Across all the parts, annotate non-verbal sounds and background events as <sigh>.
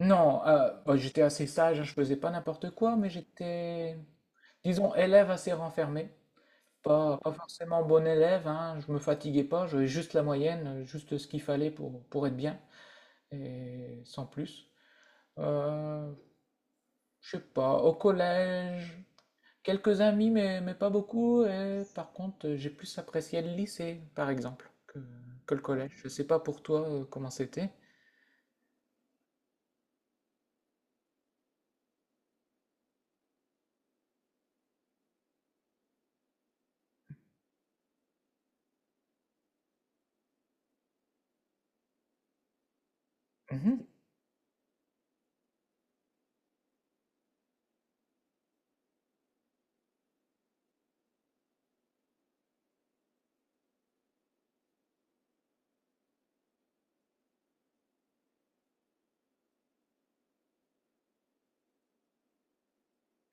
Non, bah, j'étais assez sage, hein, je faisais pas n'importe quoi, mais j'étais, disons, élève assez renfermé. Pas forcément bon élève, hein, je me fatiguais pas, j'avais juste la moyenne, juste ce qu'il fallait pour être bien, et sans plus. Euh, je sais pas, au collège, quelques amis, mais pas beaucoup, et par contre, j'ai plus apprécié le lycée, par exemple, que le collège. Je sais pas pour toi, comment c'était. Mhm.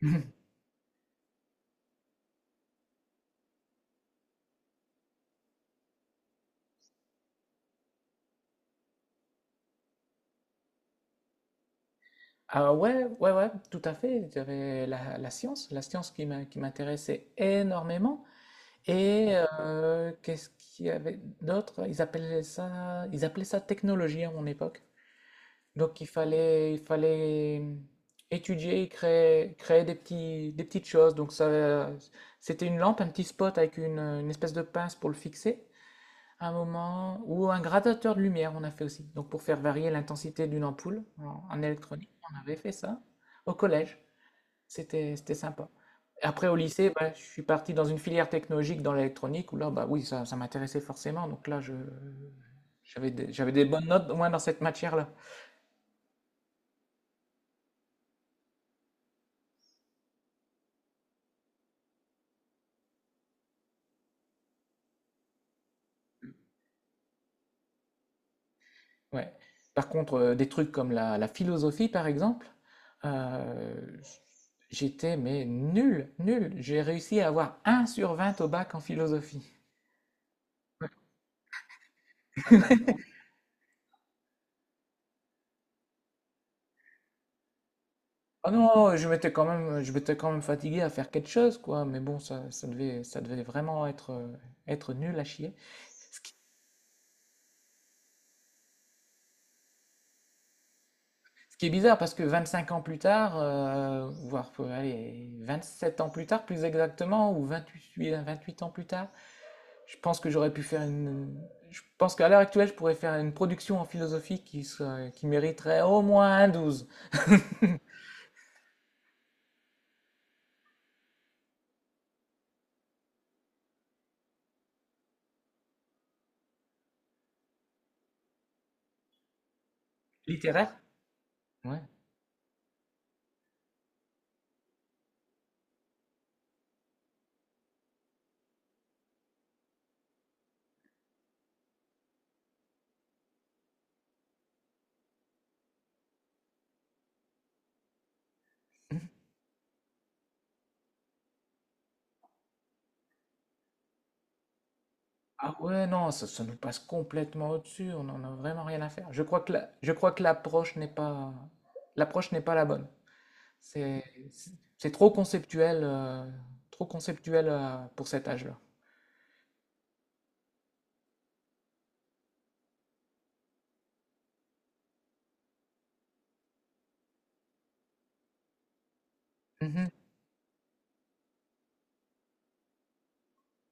<laughs> Ah ouais, ouais, ouais, tout à fait. J'avais la science qui m'intéressait énormément. Et qu'est-ce qu'il y avait d'autre? Ils appelaient ça technologie à mon époque. Donc il fallait étudier, créer des petites choses. Donc ça, c'était une lampe, un petit spot avec une espèce de pince pour le fixer. Un moment ou un gradateur de lumière, on a fait aussi. Donc pour faire varier l'intensité d'une ampoule en électronique, on avait fait ça au collège. C'était sympa. Après au lycée, bah, je suis parti dans une filière technologique dans l'électronique où là, bah oui, ça m'intéressait forcément. Donc là, j'avais des bonnes notes au moins dans cette matière-là. Ouais. Par contre, des trucs comme la philosophie, par exemple, euh, j'étais mais nul, nul. J'ai réussi à avoir 1/20 au bac en philosophie. Ah non, je m'étais quand même fatigué à faire quelque chose, quoi. Mais bon, ça devait vraiment être nul à chier. Ce qui est bizarre parce que 25 ans plus tard, voire, allez, 7 ans plus tard, plus exactement, ou vingt-huit ans plus tard, je pense que j'aurais pu faire une, je pense qu'à l'heure actuelle, je pourrais faire une production en philosophie qui mériterait au moins un 12. <laughs> Littéraire? Ouais. Ah ouais, non, ça nous passe complètement au-dessus, on n'en a vraiment rien à faire. Je crois que l'approche n'est pas la bonne. C'est, c'est c'est trop conceptuel, pour cet âge-là. Mhm.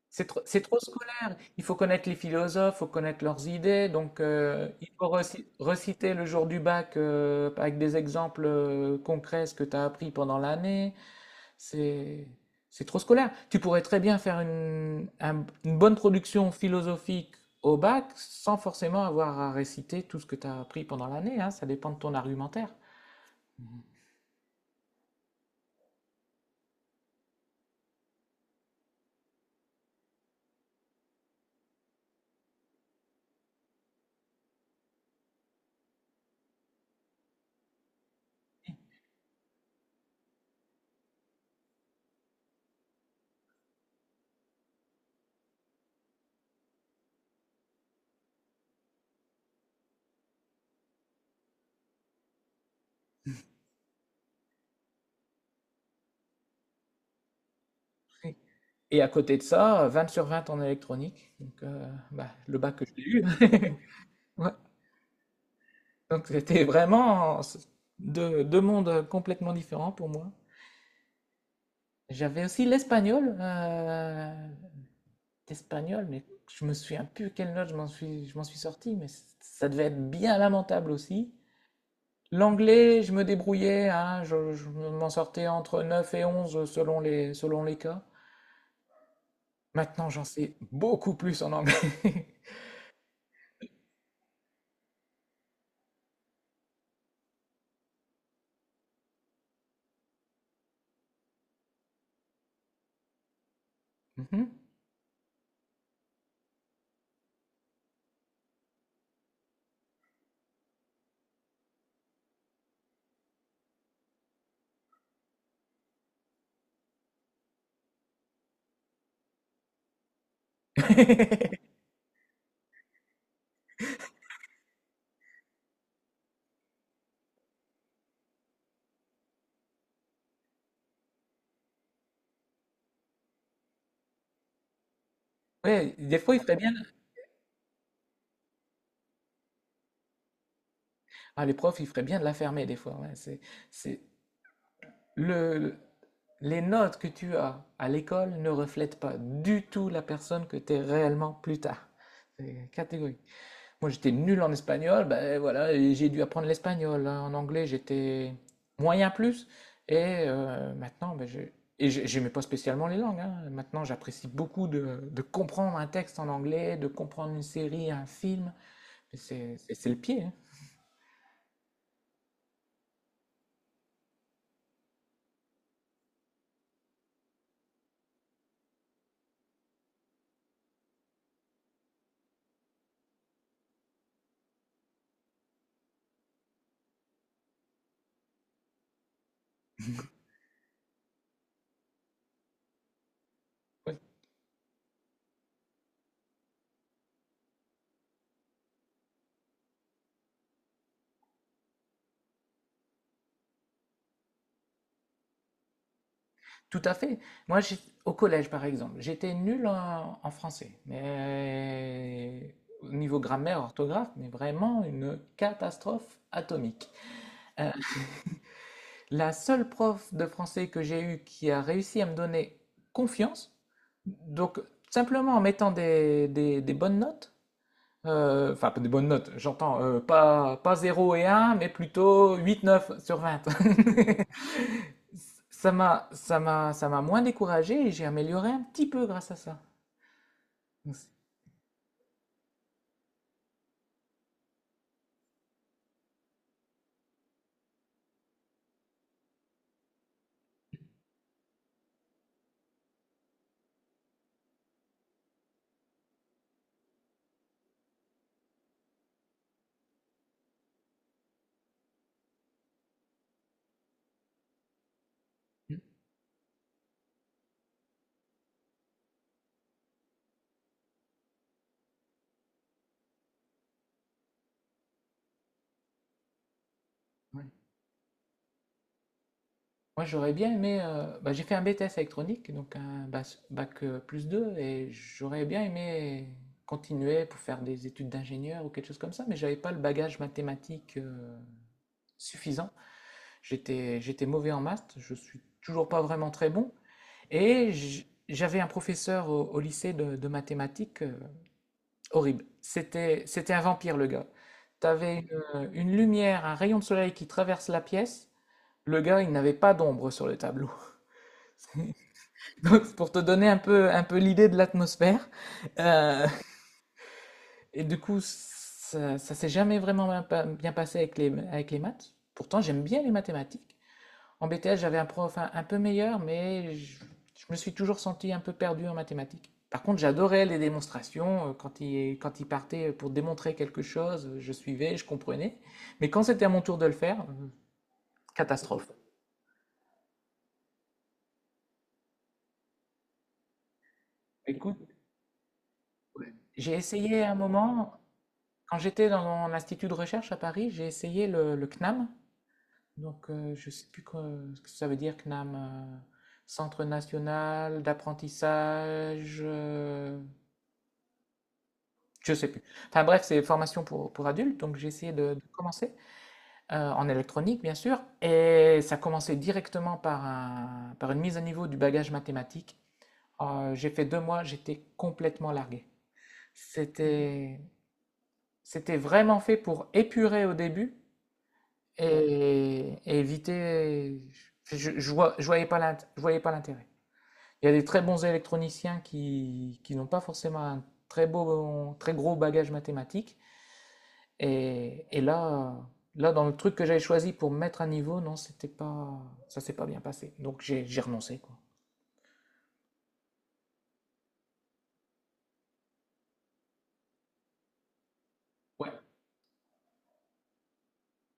C'est trop scolaire. Il faut connaître les philosophes, il faut connaître leurs idées. Donc, il faut reciter le jour du bac, avec des exemples concrets ce que tu as appris pendant l'année. C'est c'est trop scolaire. Tu pourrais très bien faire une bonne production philosophique au bac sans forcément avoir à réciter tout ce que tu as appris pendant l'année, hein. Ça dépend de ton argumentaire. Oui. Et à côté de ça, 20/20 en électronique. Donc, bah, le bac que j'ai eu. <laughs> Ouais. Donc, c'était vraiment deux mondes complètement différents pour moi. J'avais aussi l'espagnol. Mais je me souviens plus quelle note je m'en suis sorti, mais ça devait être bien lamentable aussi. L'anglais, je me débrouillais, hein, je m'en sortais entre 9 et 11 selon les cas. Maintenant, j'en sais beaucoup plus en anglais. <laughs> Mhm. <laughs> Ouais, des fois, il ferait bien. Ah, les profs, ils feraient bien de la fermer, des fois. Ouais, c'est le, les notes que tu as à l'école ne reflètent pas du tout la personne que tu es réellement plus tard. C'est catégorique. Moi, j'étais nul en espagnol, ben voilà, et j'ai dû apprendre l'espagnol, hein. En anglais, j'étais moyen plus. Et maintenant, ben, je... et j'aimais pas spécialement les langues, hein. Maintenant, j'apprécie beaucoup de comprendre un texte en anglais, de comprendre une série, un film. C'est le pied, hein. Ouais. Tout à fait. Moi, au collège, par exemple, j'étais nul en français. Mais au niveau grammaire, orthographe, mais vraiment une catastrophe atomique. Euh, La seule prof de français que j'ai eue qui a réussi à me donner confiance, donc simplement en mettant des bonnes notes, enfin pas des bonnes notes, j'entends pas 0 et 1, mais plutôt 8, 9/20. <laughs> Ça m'a moins découragé et j'ai amélioré un petit peu grâce à ça. Donc, ouais. Moi, j'aurais bien aimé. Bah, j'ai fait un BTS électronique, donc un bac, plus 2, et j'aurais bien aimé continuer pour faire des études d'ingénieur ou quelque chose comme ça, mais j'avais pas le bagage mathématique suffisant. J'étais mauvais en maths, je suis toujours pas vraiment très bon, et j'avais un professeur au lycée de mathématiques, horrible. C'était un vampire, le gars. T'avais une lumière, un rayon de soleil qui traverse la pièce. Le gars, il n'avait pas d'ombre sur le tableau. <laughs> Donc, c'est pour te donner un peu l'idée de l'atmosphère. Euh, et du coup, ça s'est jamais vraiment bien bien passé avec les maths. Pourtant, j'aime bien les mathématiques. En BTS, j'avais un prof un peu meilleur, mais je me suis toujours senti un peu perdu en mathématiques. Par contre, j'adorais les démonstrations. Quand il partait pour démontrer quelque chose, je suivais, je comprenais. Mais quand c'était à mon tour de le faire, catastrophe. Écoute, j'ai essayé un moment. Quand j'étais dans mon institut de recherche à Paris, j'ai essayé le CNAM. Donc, je ne sais plus ce que ça veut dire, CNAM. Centre national d'apprentissage. Je ne sais plus. Enfin bref, c'est formation pour adultes. Donc, j'ai essayé de commencer, en électronique, bien sûr. Et ça commençait directement par une mise à niveau du bagage mathématique. J'ai fait 2 mois, j'étais complètement largué. C'était, c'était vraiment fait pour épurer au début et éviter. Je, je, je voyais pas l'intérêt. Il y a des très bons électroniciens qui n'ont pas forcément un très beau, très gros bagage mathématique. Et là, dans le truc que j'avais choisi pour me mettre à niveau, non, c'était pas, ça s'est pas bien passé. Donc j'ai renoncé, quoi. Ouais.